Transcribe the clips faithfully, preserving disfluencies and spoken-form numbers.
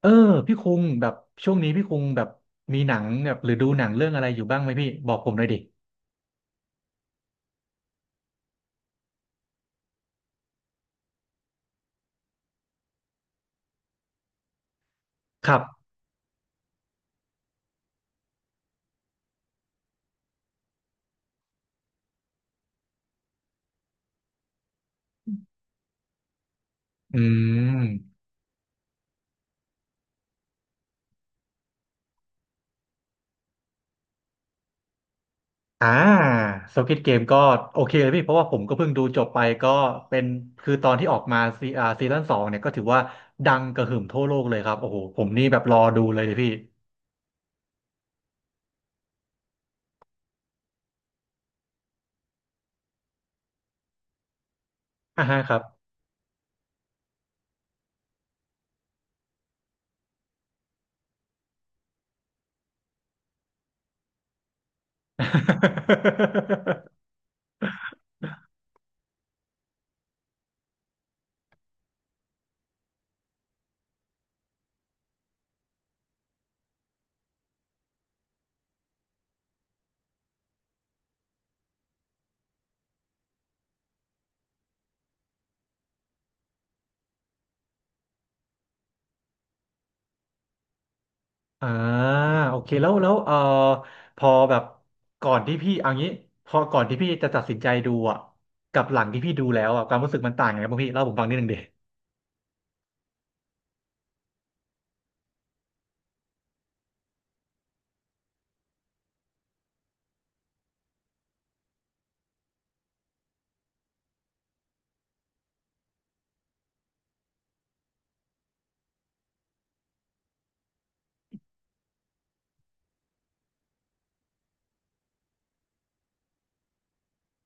เออพี่คุงแบบช่วงนี้พี่คุงแบบมีหนังแบบหรือดูหนังเรื่องอะไรอยู่บ้างไหมพี่บอกผมหน่อยดิครับอืมอ่า Squid Game ก็โอเคเลยพี่เพราะว่าผมก็เพิ่งดูจบไปก็เป็นคือตอนที่ออกมาซีอ่าซีซั่นสองเนี่ยก็ถือว่าดังกระหึ่มทั่วโลกเลยครับโอ้โหผมนี่แบบรอดูเลยเลยพี่อ่าฮะครับ อ่าโอเคแล้วแล้วเออพอแบบก่อนที่พี่เอางี้พอก่อนที่พี่จะตัดสินใจดูอ่ะกับหลังที่พี่ดูแล้วอ่ะความรู้สึกมันต่างยังไงบ้างพี่เล่าผมฟังนิดนึงดิ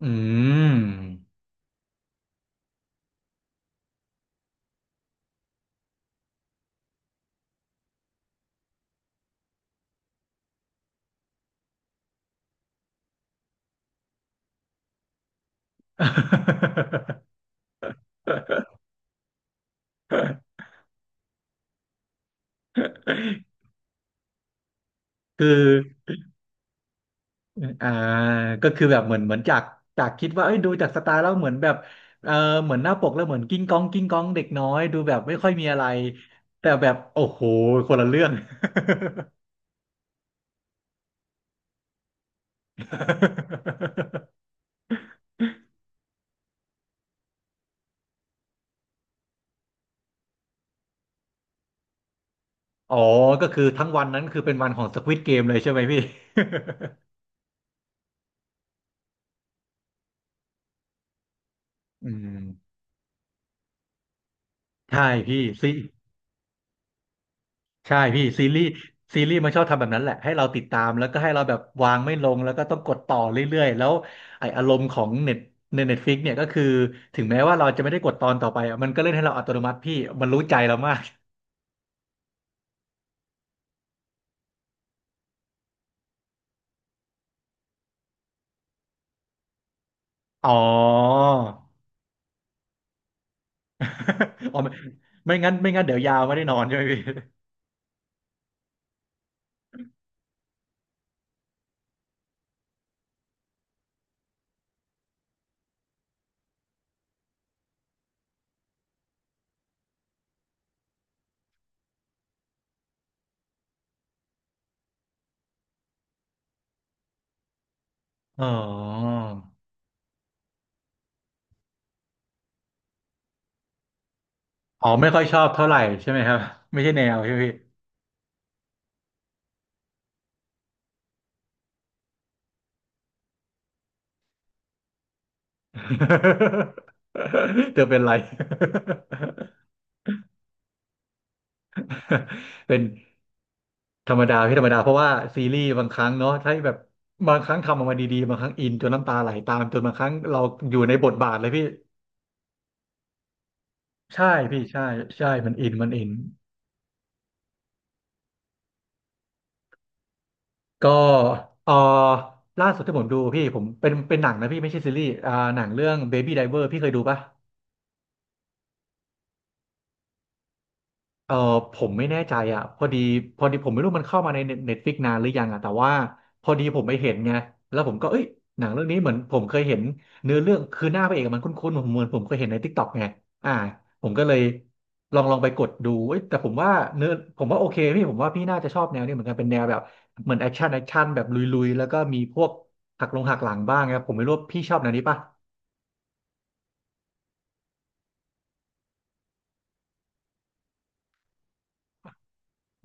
อืม คืออ่าก็คือแบบเหมือนเหมือนจากจากคิดว่าเอ้ยดูจากสไตล์แล้วเหมือนแบบเออเหมือนหน้าปกแล้วเหมือนกิ้งก้องกิ้งก้องเด็กน้อยดูแบบไม่ค่อยมีอะไรแต่แบบโอ้โหคนละเรื่อง อ๋อก็คือทั้งวันนั้นคือเป็นวันของ Squid Game เลยใช่ไหมพี่อืมใช่พี่ซีใช่พี่ซีรีส์ซีรีส์มันชอบทำแบบนั้นแหละให้เราติดตามแล้วก็ให้เราแบบวางไม่ลงแล้วก็ต้องกดต่อเรื่อยๆแล้วไออารมณ์ของเน็ตในเน็ตฟลิกเนี่ยก็คือถึงแม้ว่าเราจะไม่ได้กดตอนต่อไปอะมันก็เล่นให้เราอัตโนมัติพี่มันรู้ใจเรามากอ๋อ อ๋อไม่ไม่งั้นไม่งั้นเดี๋ยวยาวไม่ได้นอนใช่ไหมพี่อ๋ออ๋อไม่ค่อยชอบเท่าไหร่ใช่ไหมครับไม่ใช่แนวใช่ไหมพี่ เธอเป็นไร เป็นธรรมดาพี่ธรรมดาเพราะว่าซีรีส์บางครั้งเนาะถ้าแบบบางครั้งทำออกมาดีๆบางครั้งอินจนน้ำตาไหลตามจนบางครั้งเราอยู่ในบทบาทเลยพี่ใช่พี่ใช่ใช่มันอินมันอินก็เออล่าสุดที่ผมดูพี่ผมเป็นเป็นหนังนะพี่ไม่ใช่ซีรีส์อ่าหนังเรื่อง Baby Driver พี่เคยดูปะ เออผมไม่แน่ใจอ่ะพอดีพอดีผมไม่รู้มันเข้ามาในเน็ตฟลิกนานหรือยังอ่ะแต่ว่าพอดีผมไปเห็นไงแล้วผมก็เอ้ยหนังเรื่องนี้เหมือนผมเคยเห็นเนื้อเรื่องคือหน้าพระเอกอะมันคุ้นๆผมเหมือนผมเคยเห็นในทิกตอกไงอ่าผมก็เลยลองลองไปกดดูเอ้ยแต่ผมว่าเนื้อผมว่าโอเคพี่ผมว่าพี่น่าจะชอบแนวนี้เหมือนกันเป็นแนวแบบเหมือนแอคชั่นแอคชั่นแบบลุยๆแล้วก็มีพวกหักลงหักหลังบ้างครับผมไม่รู้ว่าพี่ชอบแนวนี้ป่ะ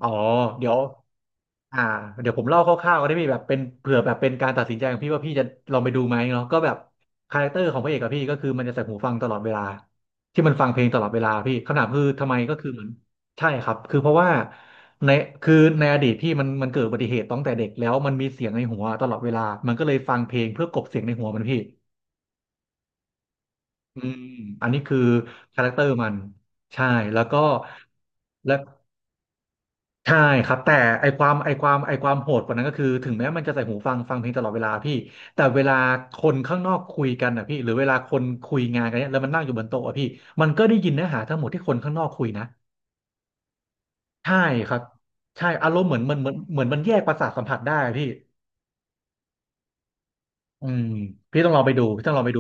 อ๋อเดี๋ยว อ่าเดี๋ยวผมเล่าคร่าวๆก็ได้พี่แบบเป็นเผื่อแบบเป็นการตัดสินใจของพี่ว่าพี่จะลองไปดูไหมเนาะก็แบบคาแรคเตอร์ของพระเอกกับพี่ก็คือมันจะใส่หูฟังตลอดเวลาที่มันฟังเพลงตลอดเวลาพี่คำถามคือทำไมก็คือเหมือนใช่ครับคือเพราะว่าในคือในอดีตพี่มันมันเกิดอุบัติเหตุตั้งแต่เด็กแล้วมันมีเสียงในหัวตลอดเวลามันก็เลยฟังเพลงเพื่อกลบเสียงในหัวมันพี่อืมอันนี้คือคาแรคเตอร์มันใช่แล้วก็และ ใช่ครับแต่ไอความไอความไอความโหดกว่านั้นก็คือถึงแม้มันจะใส่หูฟังฟังเพลงตลอดเวลาพี่แต่เวลาคนข้างนอกคุยกันนะพี่หรือเวลาคนคุยงานกันเนี่ยแล้วมันนั่งอยู่บนโต๊ะอะพี่มันก็ได้ยินเนื้อหาทั้งหมดที่คนข้างนอกคุยนะใช่ครับใช่อารมณ์เหมือนมันเหมือนเหมือนมันแยกประสาทสัมผัสได้อะพี่อืมพี่ต้องลองไปดูพี่ต้องลองไปดู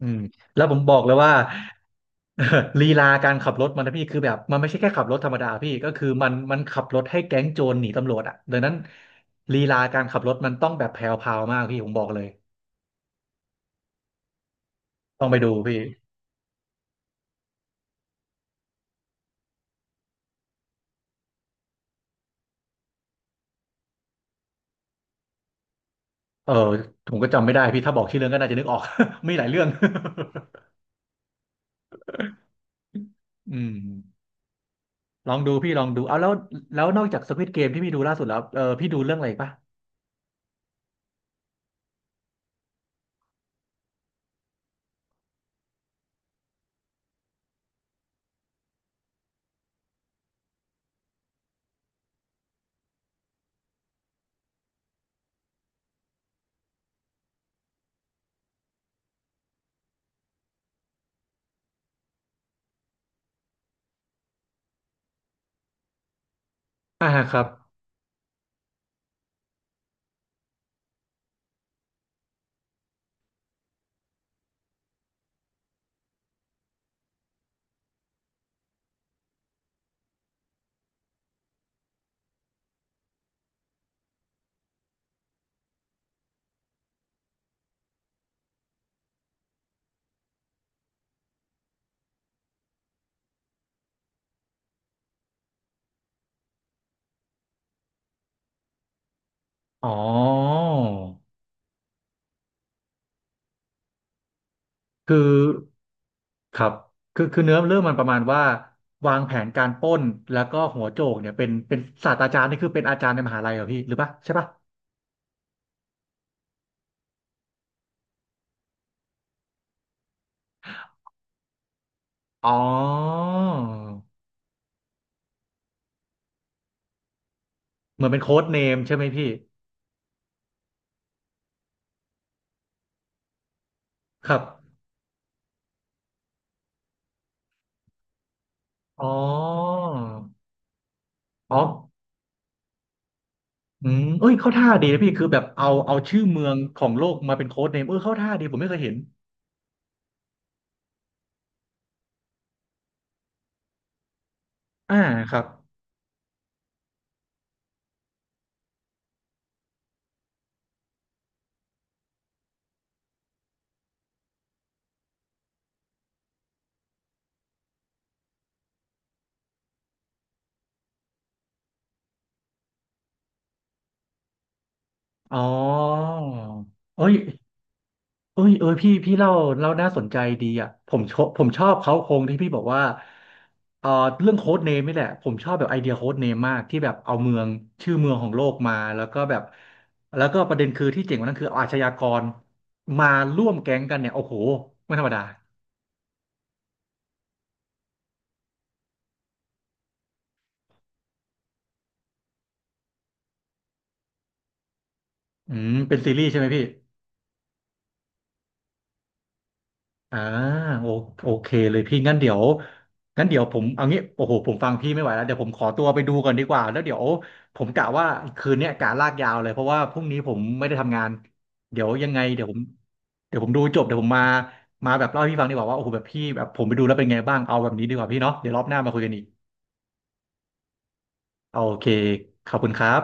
อืมแล้วผมบอกเลยว่า เออลีลาการขับรถมันนะพี่คือแบบมันไม่ใช่แค่ขับรถธรรมดาพี่ก็คือมันมันขับรถให้แก๊งโจรหนีตำรวจอ่ะดังนั้นลีลาการขับรถมันต้องแบบแพรวพราวมากพี่ผมบอกเลยต้องไปดูพี่เออผมก็จำไม่ได้พี่ถ้าบอกชื่อเรื่องก็น่าจะนึกออก มีหลายเรื่อง อืมลองดูพี่ลองดูเอาแล้วแล้วนอกจาก Squid g a m ที่พี่ดูล่าสุดแล้วเออพี่ดูเรื่องอะไรอีกปะอ่าครับอ๋อคือ ครับคือคือเนื้อเรื่องมันประมาณว่าวางแผนการปล้นแล้วก็หัวโจกเนี่ยเป็นเป็นศาสตราจารย์นี่คือเป็นอาจารย์ในมหาลัยเหรอพี่หรือปะใช่ปะอ๋อเหมือนเป็นโค้ดเนมใช่ไหมพี่ครับอ๋ออ๋ออืมเอ้ยเข้าท่าดีนะพี่คือแบบเอาเอาชื่อเมืองของโลกมาเป็นโค้ดเนมเออเข้าท่าดีผมไม่เคยเห็นอ่าครับอ๋อเอ้ย เอ้ยเออพี่พี่เล่าเล่าน่าสนใจดีอ่ะผมชอบผมชอบเขาโครงที่พี่บอกว่าเอ่อเรื่องโค้ดเนมนี่แหละผมชอบแบบไอเดียโค้ดเนมมากที่แบบเอาเมืองชื่อเมืองของโลกมาแล้วก็แบบแล้วก็ประเด็นคือที่เจ๋งกว่านั้นคือเอาอาชญากรมาร่วมแก๊งกันเนี่ยโอ้โหไม่ธรรมดาอืมเป็นซีรีส์ใช่ไหมพี่ อ่าโอโอเคเลยพี่งั้นเดี๋ยวงั้นเดี๋ยวผมเอางี้โอ้โหผมฟังพี่ไม่ไหวแล้วเดี๋ยวผมขอตัวไปดูก่อนดีกว่าแล้วเดี๋ยวผมกะว่าคืนเนี้ยกะลากยาวเลยเพราะว่าพรุ่งนี้ผมไม่ได้ทำงานเดี๋ยวยังไงเดี๋ยวผมเดี๋ยวผมดูจบเดี๋ยวผมมามาแบบเล่าให้พี่ฟังดีกว่าว่าโอ้โหแบบพี่แบบผมไปดูแล้วเป็นไงบ้างเอาแบบนี้ดีกว่าพี่เนาะเดี๋ยวรอบหน้ามาคุยกันอีกโอเคขอบคุณครับ